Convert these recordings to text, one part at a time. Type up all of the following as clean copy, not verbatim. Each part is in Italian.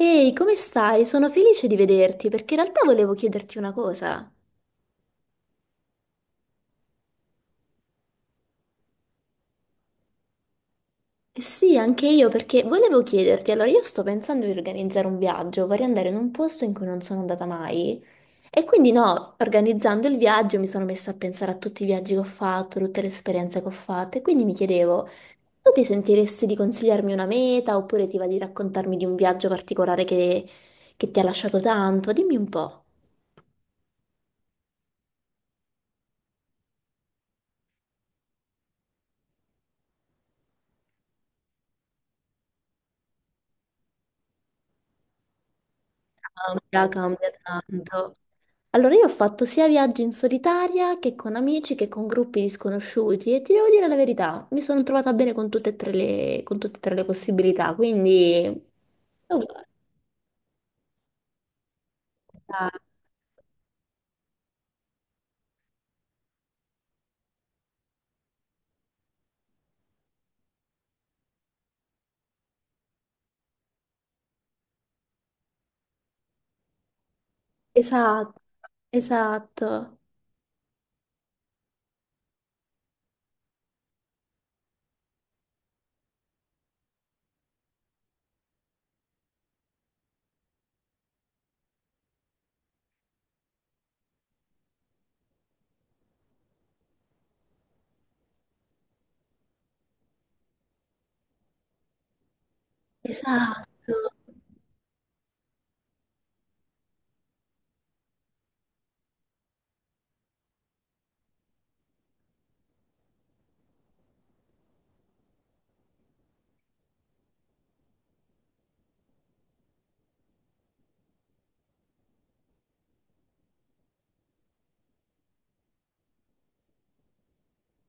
Ehi, come stai? Sono felice di vederti perché in realtà volevo chiederti una cosa. Eh sì, anche io perché volevo chiederti, allora io sto pensando di organizzare un viaggio, vorrei andare in un posto in cui non sono andata mai e quindi no, organizzando il viaggio mi sono messa a pensare a tutti i viaggi che ho fatto, tutte le esperienze che ho fatto e quindi mi chiedevo, tu ti sentiresti di consigliarmi una meta oppure ti va di raccontarmi di un viaggio particolare che ti ha lasciato tanto? Dimmi un po'. Cambia, cambia tanto. Allora, io ho fatto sia viaggi in solitaria che con amici che con gruppi di sconosciuti e ti devo dire la verità, mi sono trovata bene con tutte e tre le, con tutte e tre le possibilità, quindi... Esatto, esatto, esatto.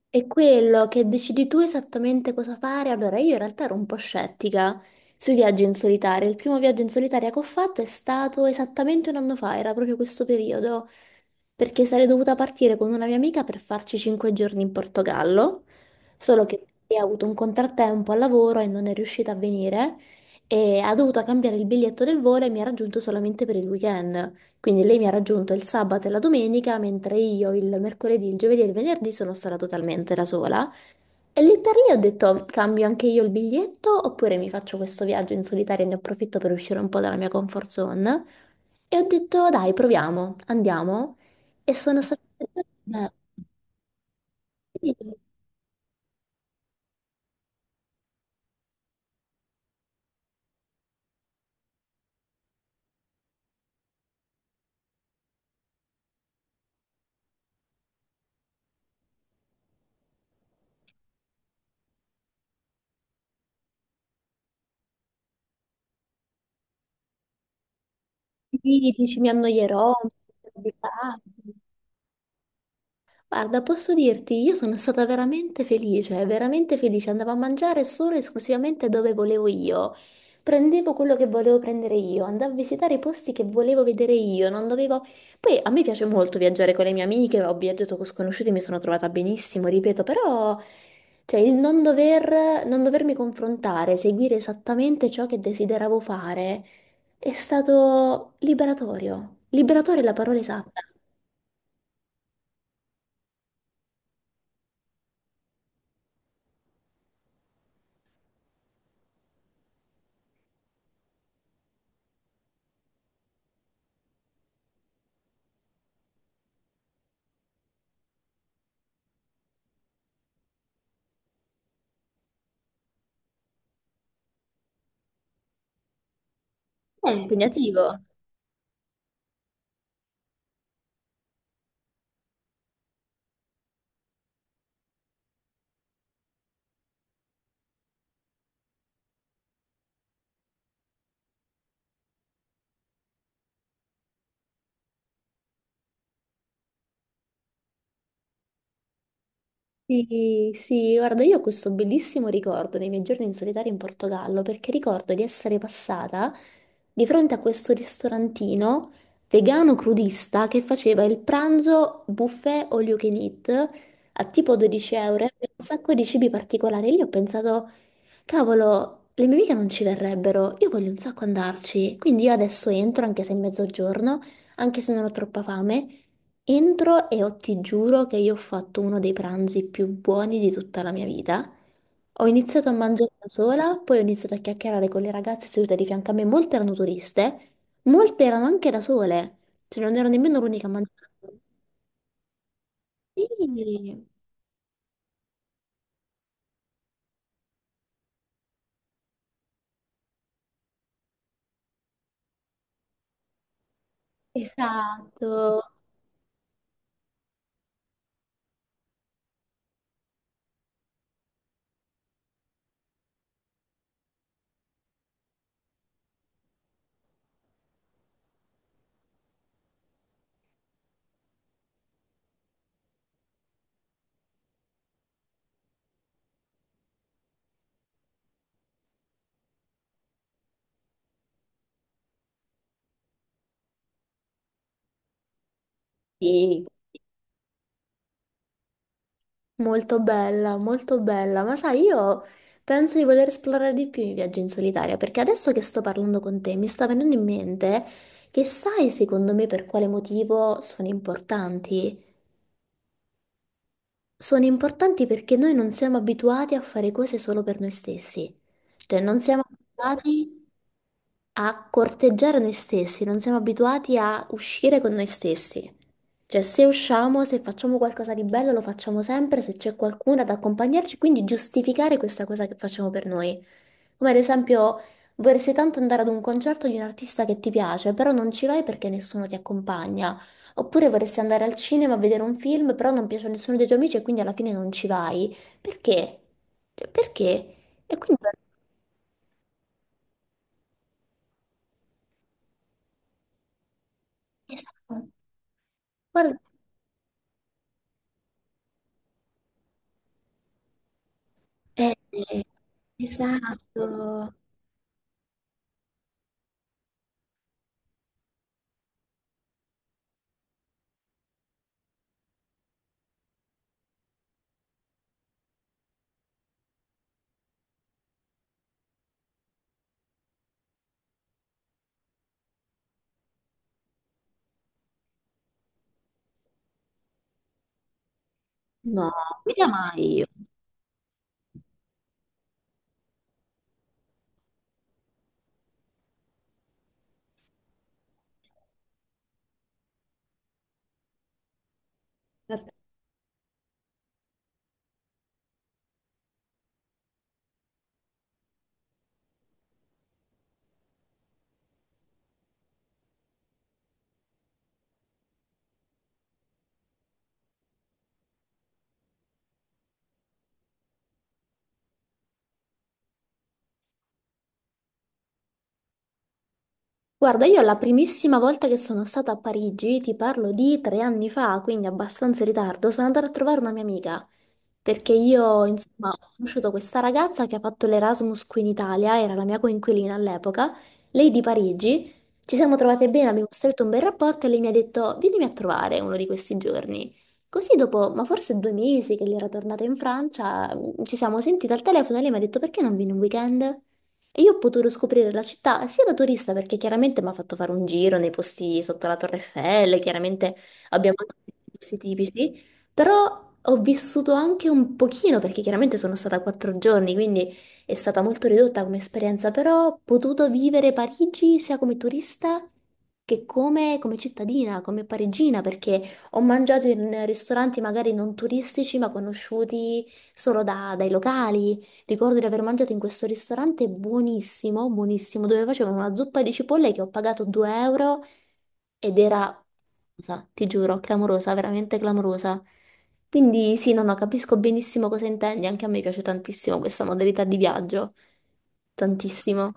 È quello che decidi tu esattamente cosa fare. Allora, io in realtà ero un po' scettica sui viaggi in solitaria. Il primo viaggio in solitaria che ho fatto è stato esattamente un anno fa, era proprio questo periodo, perché sarei dovuta partire con una mia amica per farci 5 giorni in Portogallo, solo che lei ha avuto un contrattempo al lavoro e non è riuscita a venire e ha dovuto cambiare il biglietto del volo e mi ha raggiunto solamente per il weekend. Quindi lei mi ha raggiunto il sabato e la domenica, mentre io il mercoledì, il giovedì e il venerdì sono stata totalmente da sola. E lì per lì ho detto, cambio anche io il biglietto oppure mi faccio questo viaggio in solitaria e ne approfitto per uscire un po' dalla mia comfort zone. E ho detto, dai, proviamo, andiamo. E sono stata... Beh, sì, sì, dici, mi annoierò, mi sento di farlo. Guarda, posso dirti, io sono stata veramente felice, veramente felice. Andavo a mangiare solo e esclusivamente dove volevo io. Prendevo quello che volevo prendere io, andavo a visitare i posti che volevo vedere io, non dovevo... Poi a me piace molto viaggiare con le mie amiche, ho viaggiato con sconosciuti, mi sono trovata benissimo, ripeto, però... Cioè, il non dovermi confrontare, seguire esattamente ciò che desideravo fare, è stato liberatorio. Liberatorio è la parola esatta. È impegnativo. Sì, sì, guarda, io ho questo bellissimo ricordo dei miei giorni in solitario in Portogallo perché ricordo di essere passata di fronte a questo ristorantino vegano crudista che faceva il pranzo buffet all you can eat a tipo 12 euro e aveva un sacco di cibi particolari. Lì ho pensato, cavolo, le mie amiche non ci verrebbero, io voglio un sacco andarci, quindi io adesso entro, anche se è mezzogiorno, anche se non ho troppa fame, entro e ti giuro che io ho fatto uno dei pranzi più buoni di tutta la mia vita. Ho iniziato a mangiare da sola, poi ho iniziato a chiacchierare con le ragazze sedute di fianco a me, molte erano turiste, molte erano anche da sole, cioè non ero nemmeno l'unica a mangiare. Sì, esatto. Sì. Molto bella, ma sai, io penso di voler esplorare di più i viaggi in solitaria, perché adesso che sto parlando con te mi sta venendo in mente che sai secondo me per quale motivo sono importanti? Sono importanti perché noi non siamo abituati a fare cose solo per noi stessi, cioè non siamo abituati a corteggiare noi stessi, non siamo abituati a uscire con noi stessi. Cioè, se usciamo, se facciamo qualcosa di bello, lo facciamo sempre, se c'è qualcuno ad accompagnarci, quindi giustificare questa cosa che facciamo per noi. Come ad esempio, vorresti tanto andare ad un concerto di un artista che ti piace, però non ci vai perché nessuno ti accompagna. Oppure vorresti andare al cinema a vedere un film, però non piace a nessuno dei tuoi amici e quindi alla fine non ci vai. Perché? Cioè, perché? E quindi... Esatto. Guarda- eh, esatto. No, guida mai io. Vabbè. Guarda, io la primissima volta che sono stata a Parigi, ti parlo di 3 anni fa, quindi abbastanza in ritardo, sono andata a trovare una mia amica. Perché io, insomma, ho conosciuto questa ragazza che ha fatto l'Erasmus qui in Italia, era la mia coinquilina all'epoca, lei di Parigi, ci siamo trovate bene, abbiamo stretto un bel rapporto e lei mi ha detto, vienimi a trovare uno di questi giorni. Così dopo, ma forse 2 mesi che lei era tornata in Francia, ci siamo sentite al telefono e lei mi ha detto, perché non vieni un weekend? E io ho potuto scoprire la città sia da turista, perché chiaramente mi ha fatto fare un giro nei posti sotto la Torre Eiffel, chiaramente abbiamo anche dei posti tipici, però ho vissuto anche un pochino, perché chiaramente sono stata 4 giorni, quindi è stata molto ridotta come esperienza, però ho potuto vivere Parigi sia come turista come cittadina, come parigina, perché ho mangiato in ristoranti magari non turistici, ma conosciuti solo dai locali. Ricordo di aver mangiato in questo ristorante buonissimo, buonissimo, dove facevano una zuppa di cipolle che ho pagato 2 euro ed era, clamorosa, ti giuro, clamorosa, veramente clamorosa. Quindi sì, no, no, capisco benissimo cosa intendi, anche a me piace tantissimo questa modalità di viaggio, tantissimo.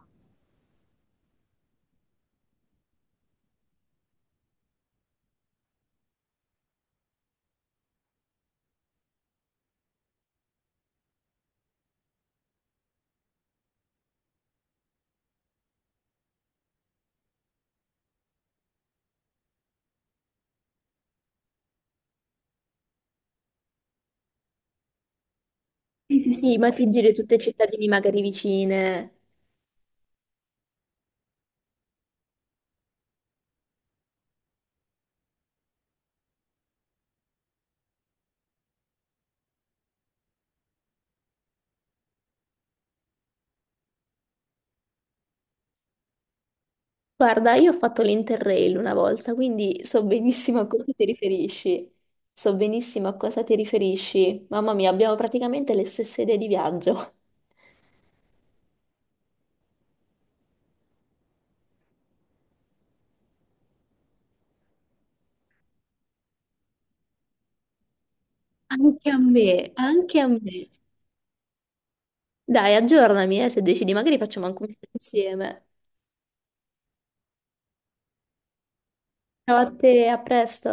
Sì, sì, sì, ma ti giri tutte cittadine magari vicine. Guarda, io ho fatto l'Interrail una volta, quindi so benissimo a cosa ti riferisci. So benissimo a cosa ti riferisci. Mamma mia, abbiamo praticamente le stesse idee di viaggio. Anche a me, anche a me. Dai, aggiornami, se decidi, magari facciamo anche un video insieme. Ciao a te, a presto.